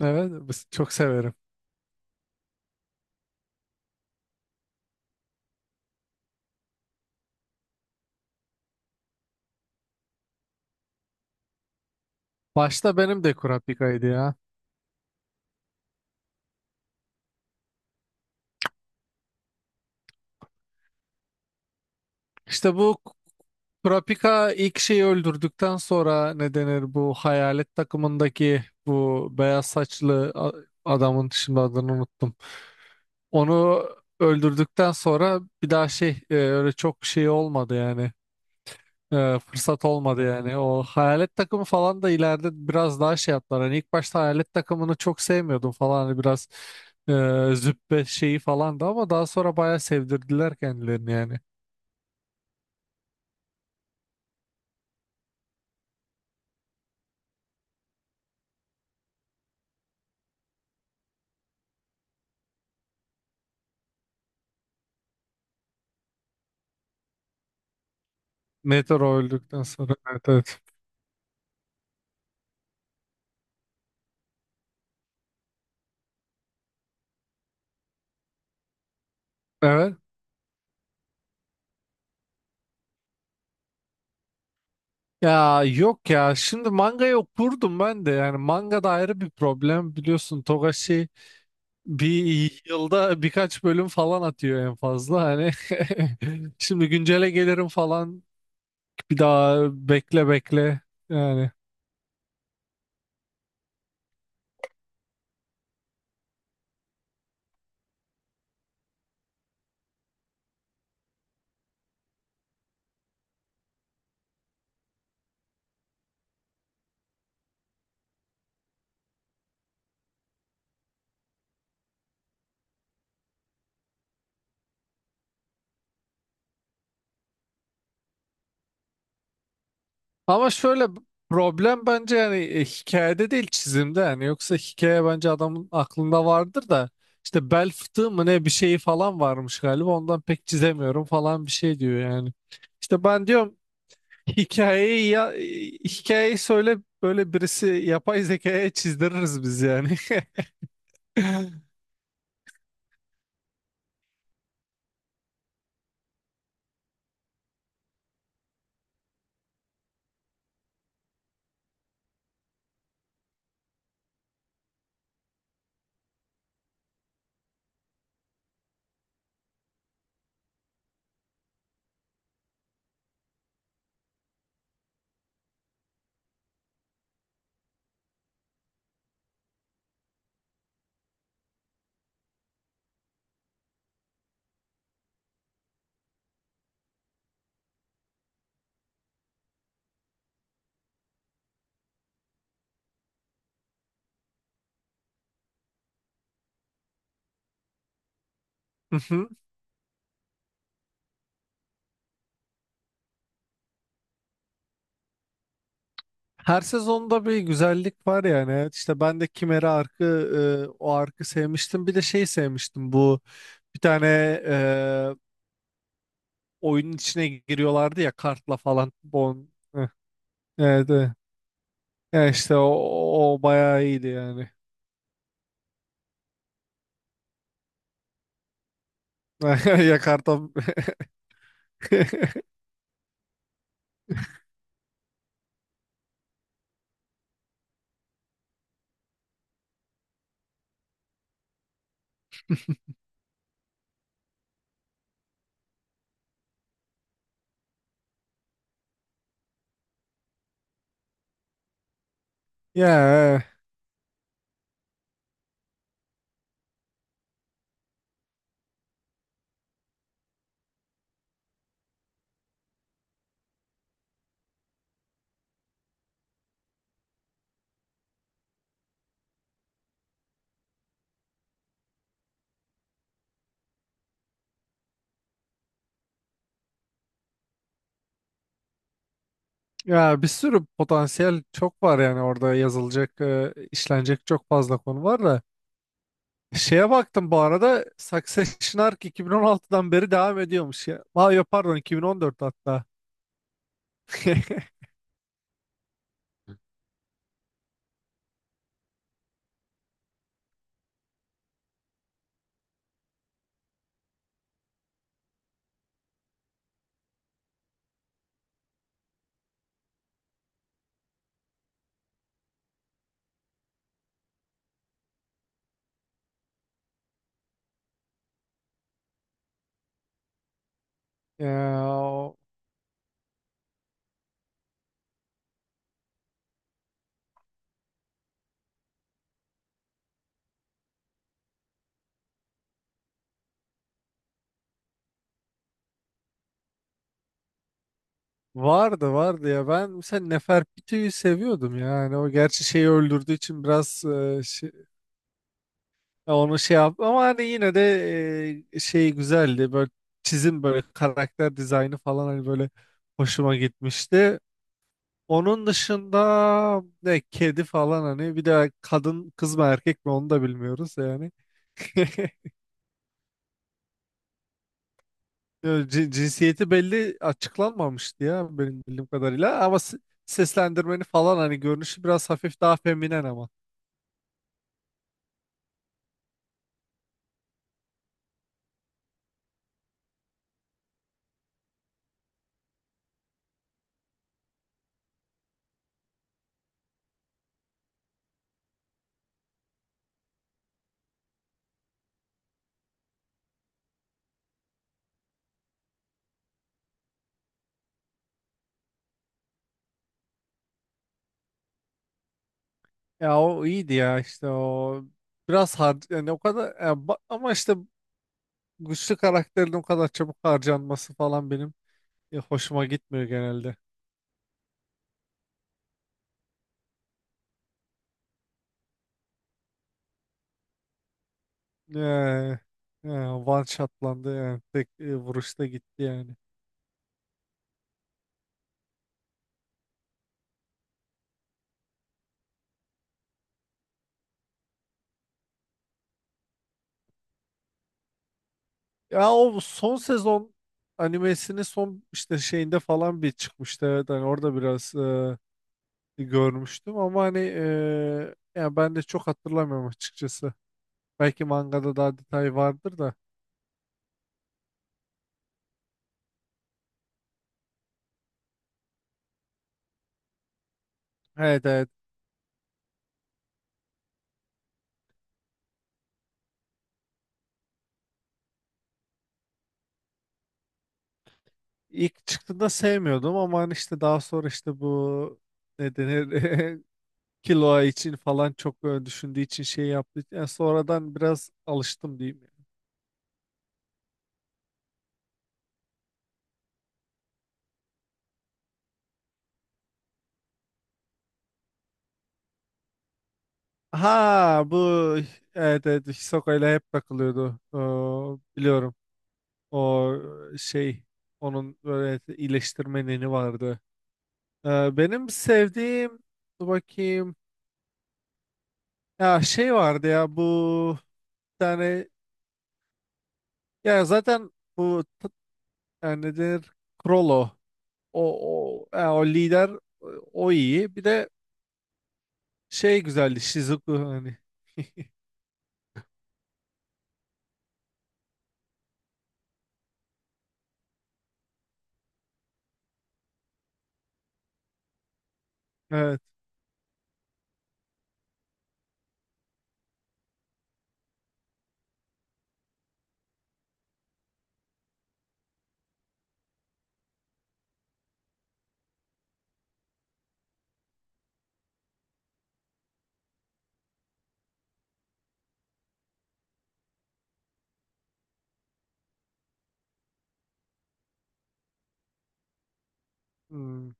Evet, çok severim. Başta benim de Kurapika'ydı ya. İşte bu K- Kurapika ilk şeyi öldürdükten sonra ne denir bu hayalet takımındaki bu beyaz saçlı adamın şimdi adını unuttum. Onu öldürdükten sonra bir daha şey öyle çok şey olmadı yani. Fırsat olmadı yani. O hayalet takımı falan da ileride biraz daha şey yaptılar. Hani ilk başta hayalet takımını çok sevmiyordum falan. Hani biraz züppe şeyi falan da ama daha sonra bayağı sevdirdiler kendilerini yani. Meteor öldükten sonra. Evet, evet. Evet. Ya yok ya, şimdi mangayı okurdum ben de yani, manga da ayrı bir problem biliyorsun. Togashi bir yılda birkaç bölüm falan atıyor en fazla hani, şimdi güncele gelirim falan. Bir daha bekle bekle yani. Ama şöyle, problem bence yani hikayede değil, çizimde yani. Yoksa hikaye bence adamın aklında vardır da, işte bel fıtığı mı ne bir şeyi falan varmış galiba, ondan pek çizemiyorum falan bir şey diyor yani. İşte ben diyorum, hikayeyi ya hikayeyi söyle, böyle birisi yapay zekaya çizdiririz biz yani. Her sezonda bir güzellik var yani. Evet, İşte ben de Kimera arkı, o arkı sevmiştim. Bir de şey sevmiştim, bu bir tane e, oyunun içine giriyorlardı ya kartla falan. Bon. Heh, evet, evet. Ya işte o, o bayağı iyiydi yani. Ya karta ya ya bir sürü potansiyel çok var yani, orada yazılacak, işlenecek çok fazla konu var da. Şeye baktım bu arada, Succession Ark 2016'dan beri devam ediyormuş ya. Aa, yok pardon, 2014 hatta. Ya, vardı vardı ya, ben mesela Nefertiti'yi seviyordum yani. O gerçi şeyi öldürdüğü için biraz ya onu şey yaptı ama hani yine de şey güzeldi, böyle çizim, böyle karakter dizaynı falan hani, böyle hoşuma gitmişti. Onun dışında ne, kedi falan hani, bir de kadın, kız mı erkek mi onu da bilmiyoruz yani. Yo, cinsiyeti belli açıklanmamıştı ya benim bildiğim kadarıyla ama seslendirmeni falan hani, görünüşü biraz hafif daha feminen ama. Ya o iyiydi ya, işte o biraz har yani, o kadar ya ama işte güçlü karakterin o kadar çabuk harcanması falan benim hoşuma gitmiyor genelde. Ee, e, One shotlandı yani, tek vuruşta gitti yani. Ya o son sezon animesinin son işte şeyinde falan bir çıkmıştı. Evet, hani orada biraz görmüştüm ama hani yani ben de çok hatırlamıyorum açıkçası. Belki mangada daha detay vardır da. Evet, evet. İlk çıktığında sevmiyordum ama hani işte daha sonra işte bu ne denir, kilo için falan çok düşündüğü için şey yaptı. Yani sonradan biraz alıştım diyeyim. Ha bu, evet, evet, Hisoka ile hep takılıyordu. Biliyorum. O şey, onun böyle iyileştirme neni vardı. Benim sevdiğim, dur bakayım, ya şey vardı ya, bu bir tane, ya zaten bu yani nedir, Krollo, o, o, ya o lider, o iyi. Bir de şey güzeldi, Shizuku hani. Evet. Hmm.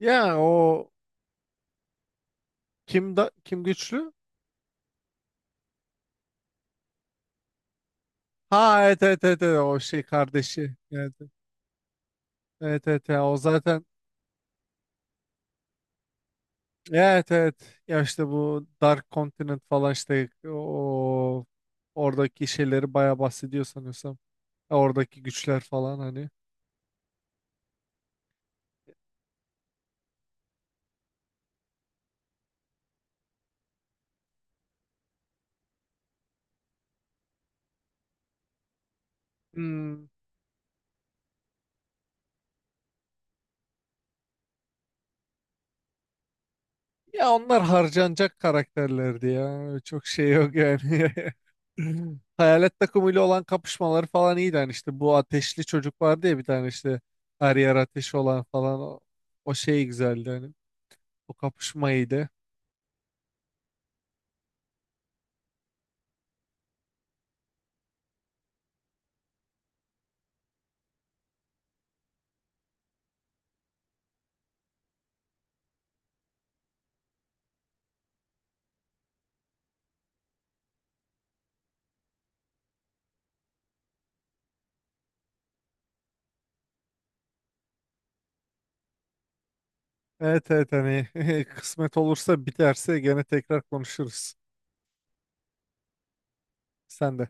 Ya o kim güçlü, ha evet, evet, evet, evet, o şey kardeşi, evet, evet, evet, evet, o zaten, evet, evet. Ya işte bu Dark Continent falan, işte o oradaki şeyleri bayağı bahsediyor sanıyorsam. Ya oradaki güçler falan hani. Hmm. Ya onlar harcanacak karakterlerdi ya. Çok şey yok yani. Hayalet takımıyla olan kapışmaları falan iyiydi. Hani işte bu ateşli çocuk vardı ya bir tane, işte her yer ateş olan falan, o, o şey güzeldi hani. O kapışma iyiydi. Evet, evet hani, kısmet olursa biterse gene tekrar konuşuruz. Sen de.